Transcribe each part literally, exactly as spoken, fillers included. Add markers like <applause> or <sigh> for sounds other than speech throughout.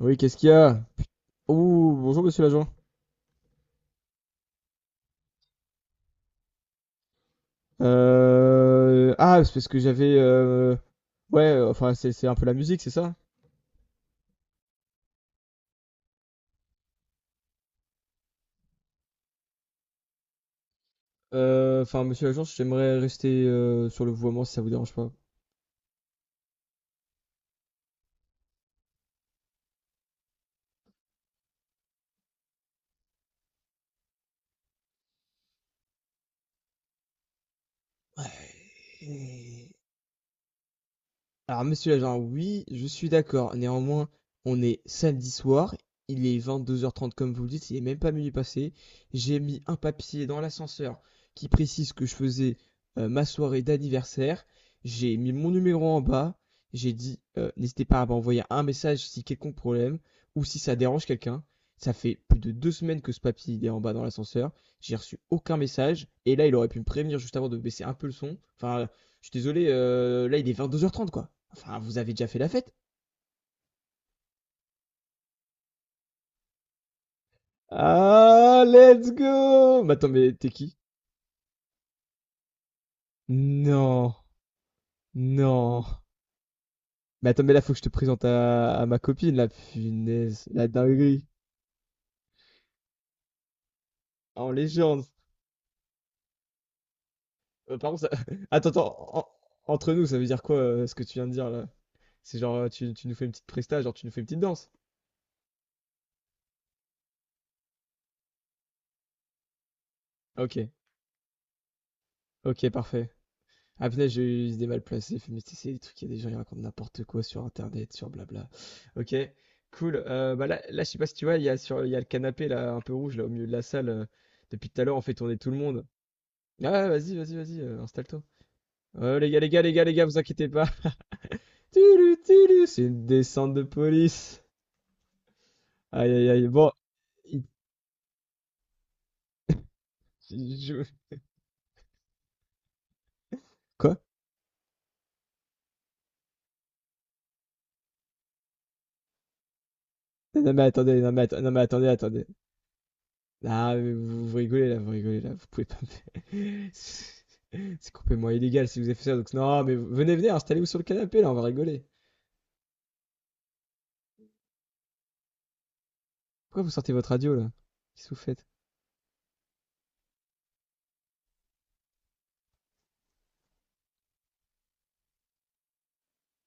Oui, qu'est-ce qu'il y a? Put- Oh, bonjour monsieur l'agent. Euh... Ah, c'est parce que j'avais... euh, ouais, euh, enfin c'est c'est un peu la musique, c'est ça? Euh, Enfin monsieur l'agent, j'aimerais rester euh, sur le vouvoiement si ça vous dérange pas. Ouais. Alors, monsieur l'agent, oui, je suis d'accord. Néanmoins, on est samedi soir. Il est vingt-deux heures trente, comme vous le dites. Il est même pas minuit passé. J'ai mis un papier dans l'ascenseur qui précise que je faisais euh, ma soirée d'anniversaire. J'ai mis mon numéro en bas. J'ai dit, euh, n'hésitez pas à m'envoyer un message si quelconque problème ou si ça dérange quelqu'un. Ça fait plus de deux semaines que ce papier il est en bas dans l'ascenseur. J'ai reçu aucun message. Et là, il aurait pu me prévenir juste avant de baisser un peu le son. Enfin, je suis désolé, euh, là, il est vingt-deux heures trente, quoi. Enfin, vous avez déjà fait la fête? Ah, let's go! Mais attends, mais t'es qui? Non, non. Mais attends, mais là, faut que je te présente à, à ma copine, la punaise, la dinguerie. En légende. Euh, par contre, ça... <laughs> attends, attends, en- entre nous, ça veut dire quoi euh, ce que tu viens de dire là? C'est genre, euh, tu, tu nous fais une petite presta, genre tu nous fais une petite danse? Ok, ok, parfait. Ah punaise, j'ai eu des mal placés, mais tu sais, c'est des trucs, il y a des gens qui racontent n'importe quoi sur internet, sur blabla. Ok, cool. Euh, bah là, là, je sais pas si tu vois, il y a sur, il y a le canapé là, un peu rouge là au milieu de la salle. euh, depuis tout à l'heure, on fait tourner tout le monde. Ah ouais, vas-y, vas-y, vas-y, euh, installe-toi. Euh, les gars, les gars, les gars, les gars, vous inquiétez pas. <laughs> Tulu, tulu, c'est une descente de police. Aïe, aïe, aïe. Bon, il- je- quoi? Non mais attendez, non mais, atte- non mais attendez, attendez. Ah mais vous, vous rigolez là, vous rigolez là, vous pouvez pas. me- <laughs> C'est complètement illégal si vous avez fait ça. Donc, non, mais venez, venez, installez-vous sur le canapé, là, on va rigoler. Pourquoi vous sortez votre radio, là? Qu'est-ce que vous faites?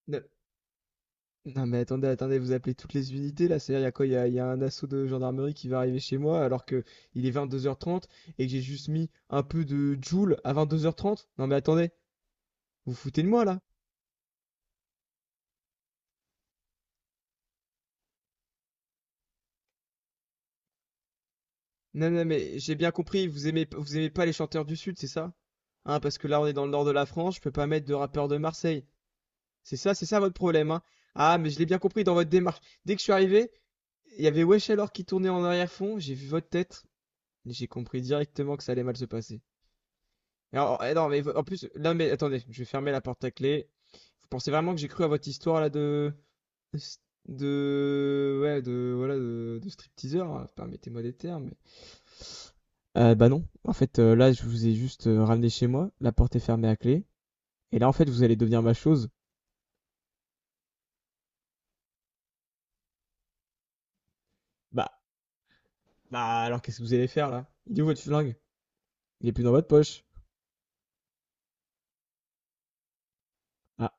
Non, non, mais attendez, attendez, vous appelez toutes les unités, là. C'est-à-dire, il y a quoi? Il y a, il y a un assaut de gendarmerie qui va arriver chez moi alors que il est vingt-deux heures trente et que j'ai juste mis un peu de Joule à vingt-deux heures trente? Non, mais attendez, vous vous foutez de moi, là? Non, non, mais j'ai bien compris, vous aimez, vous aimez pas les chanteurs du Sud, c'est ça? Hein, parce que là, on est dans le nord de la France, je peux pas mettre de rappeurs de Marseille. C'est ça, c'est ça votre problème, hein. Ah, mais je l'ai bien compris dans votre démarche. Dès que je suis arrivé, il y avait Wesh alors qui tournait en arrière-fond, j'ai vu votre tête, et j'ai compris directement que ça allait mal se passer. Et alors, eh non, mais en plus, là, mais attendez, je vais fermer la porte à clé. Vous pensez vraiment que j'ai cru à votre histoire là de. de. Ouais, de. Voilà, de, de stripteaseur, hein, permettez-moi des termes. mais- Euh, bah non, en fait, euh, là, je vous ai juste euh, ramené chez moi, la porte est fermée à clé, et là, en fait, vous allez devenir ma chose. Bah, bah alors qu'est-ce que vous allez faire là? Il est où votre flingue? Il est plus dans votre poche. Ah.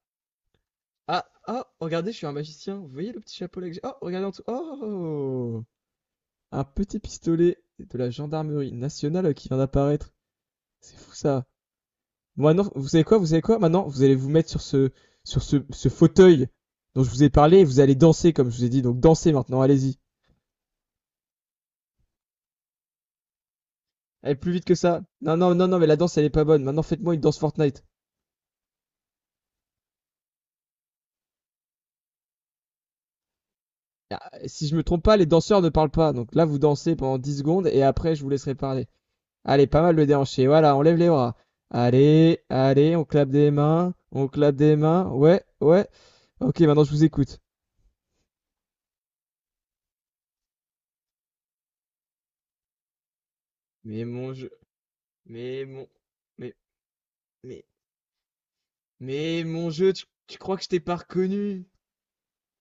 Ah, oh, regardez, je suis un magicien. Vous voyez le petit chapeau là que j'ai? Oh, regardez en dessous. Oh, un petit pistolet de la gendarmerie nationale qui vient d'apparaître. C'est fou ça. Bon, maintenant, vous savez quoi? Vous savez quoi? Maintenant, vous allez vous mettre sur ce, sur ce, ce fauteuil dont je vous ai parlé et vous allez danser comme je vous ai dit. Donc dansez maintenant, allez-y. Allez plus vite que ça. Non, non, non, non, mais la danse elle est pas bonne. Maintenant, faites-moi une danse Fortnite. Ah, si je me trompe pas, les danseurs ne parlent pas. Donc là, vous dansez pendant dix secondes et après, je vous laisserai parler. Allez, pas mal le déhanché. Voilà, on lève les bras. Allez, allez, on clappe des mains, on clappe des mains. Ouais, ouais. Ok, maintenant je vous écoute. Mais mon jeu, mais mon, mais, mais, mais mon jeu, tu, tu crois que je t'ai pas reconnu?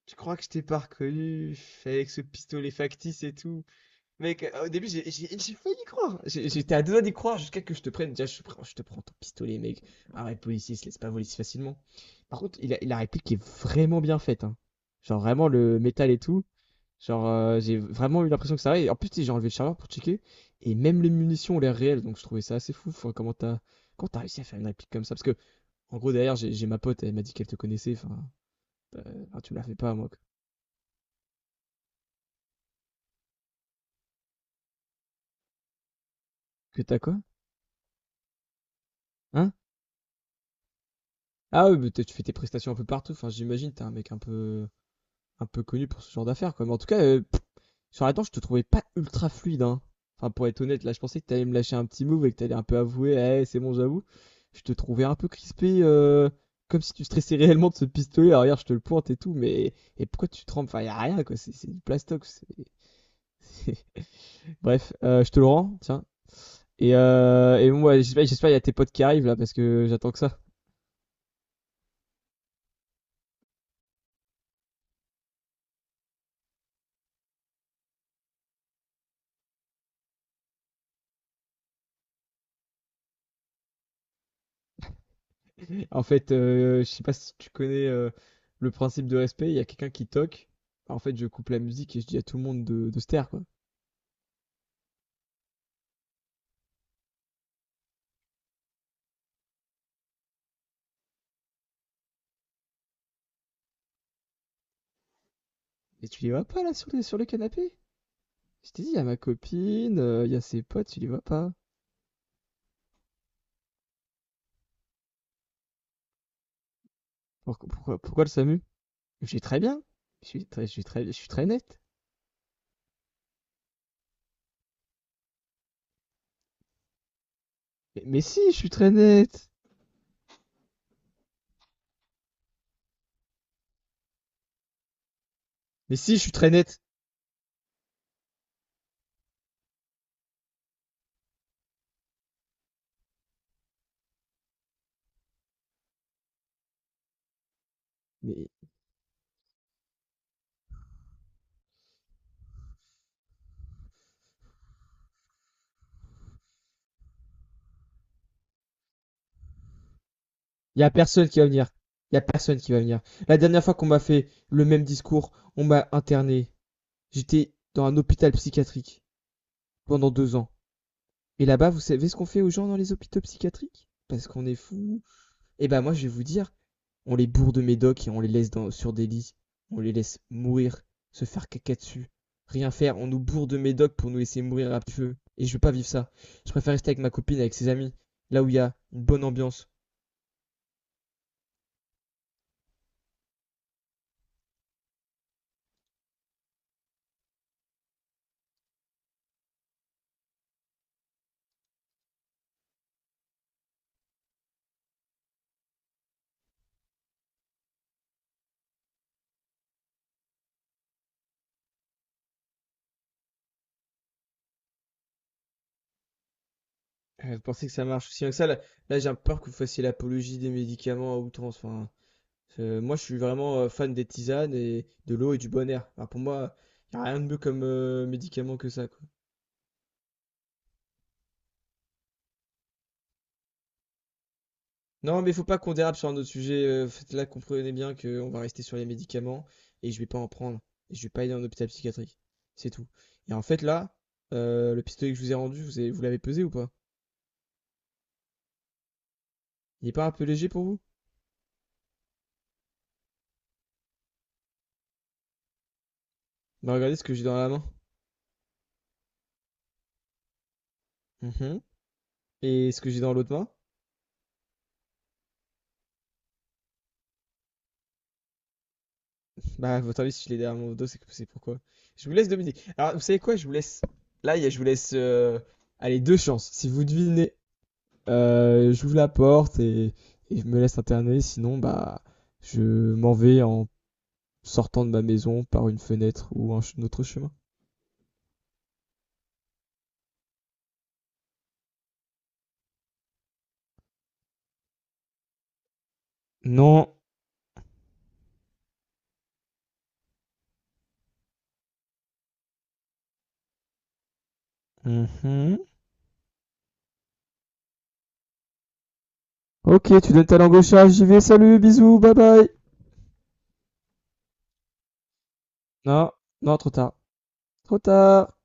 Tu crois que je t'ai pas reconnu avec ce pistolet factice et tout? Mec, euh, au début, j'ai j'ai- j'ai failli y croire. J'ai- J'étais à deux doigts d'y croire jusqu'à que je te prenne. Déjà, je, te prends- je te prends ton pistolet, mec. Arrête, policier, se laisse pas voler si facilement. Par contre, il a, la réplique est vraiment bien faite, hein. Genre, vraiment, le métal et tout. Genre, euh, j'ai vraiment eu l'impression que ça allait. En plus, tu sais, j'ai enlevé le chargeur pour checker. Et même les munitions ont l'air réelles. Donc, je trouvais ça assez fou. Enfin, comment t'as comment t'as réussi à faire une réplique comme ça? Parce que, en gros, derrière, j'ai j'ai ma pote. Elle m'a dit qu'elle te connaissait. Enfin, euh, ah, tu me la fais pas, moi. Que t'as quoi? Hein? Ah oui, mais t'as- tu fais tes prestations un peu partout. Enfin, j'imagine, t'es un mec un peu un peu connu pour ce genre d'affaires, quoi. Mais en tout cas, heu, sur la danse, je te trouvais pas ultra fluide, hein. Enfin, pour être honnête, là, je pensais que t'allais me lâcher un petit move et que t'allais un peu avouer: «Eh, c'est bon, j'avoue». Je te trouvais un peu crispé, heu, comme si tu stressais réellement de ce pistolet. Alors regarde, je te le pointe et tout, mais et pourquoi tu trembles? Enfin, y a rien, quoi, c'est c'est du plastox c'est <laughs> bref, heu, je te le rends, tiens. Et heu et bon, ouais, j'espère j'espère il y a tes potes qui arrivent, là, parce que j'attends que ça. <laughs> En fait, euh, je sais pas si tu connais euh, le principe de respect, il y a quelqu'un qui toque. En fait, je coupe la musique et je dis à tout le monde de, de se taire, quoi. Et tu les vois pas là sur le, sur le canapé? Je t'ai dit, il y a ma copine, euh, il y a ses potes, tu les vois pas. Pourquoi, pourquoi, pourquoi le SAMU? Je suis très bien. Je suis très, je suis très, je suis très net. Mais, mais si, je suis très net. Mais si, je suis très net. Mais il y a personne qui va venir. Il y a personne qui va venir. La dernière fois qu'on m'a fait le même discours, on m'a interné. J'étais dans un hôpital psychiatrique pendant deux ans. Et là-bas, vous savez ce qu'on fait aux gens dans les hôpitaux psychiatriques? Parce qu'on est fous. Eh ben moi, je vais vous dire, on les bourre de médoc et on les laisse dans, sur des lits. On les laisse mourir, se faire caca dessus. Rien faire, on nous bourre de médoc pour nous laisser mourir à petit feu. Et je veux pas vivre ça. Je préfère rester avec ma copine, avec ses amis, là où il y a une bonne ambiance. Euh, Vous pensez que ça marche aussi bien que ça? Là, là, j'ai peur que vous fassiez l'apologie des médicaments à outrance. Enfin, Euh, moi, je suis vraiment euh, fan des tisanes et de l'eau et du bon air. Alors, pour moi, il n'y a rien de mieux comme euh, médicament que ça, quoi. Non, mais il faut pas qu'on dérape sur un autre sujet. euh, faites- là, comprenez bien qu'on va rester sur les médicaments et je vais pas en prendre. Et je vais pas aller en hôpital psychiatrique. C'est tout. Et en fait, là, euh, le pistolet que je vous ai rendu, vous avez- vous l'avez pesé ou pas? Il est pas un peu léger pour vous? Bah, regardez ce que j'ai dans la main. Mhm. Et ce que j'ai dans l'autre main. Bah, votre avis, si je l'ai derrière mon dos, c'est que- c'est pourquoi. Je vous laisse deviner. Alors, vous savez quoi? Je vous laisse. Là, il y a- je vous laisse. euh, Allez, deux chances. Si vous devinez, euh, j'ouvre la porte et... et je me laisse interner. Sinon, bah, je m'en vais en sortant de ma maison par une fenêtre ou un, ch- un autre chemin. Non. Mhm. Ok, tu donnes ta langue au chat. J'y vais. Salut, bisous, bye bye. Non, non, trop tard. Trop tard.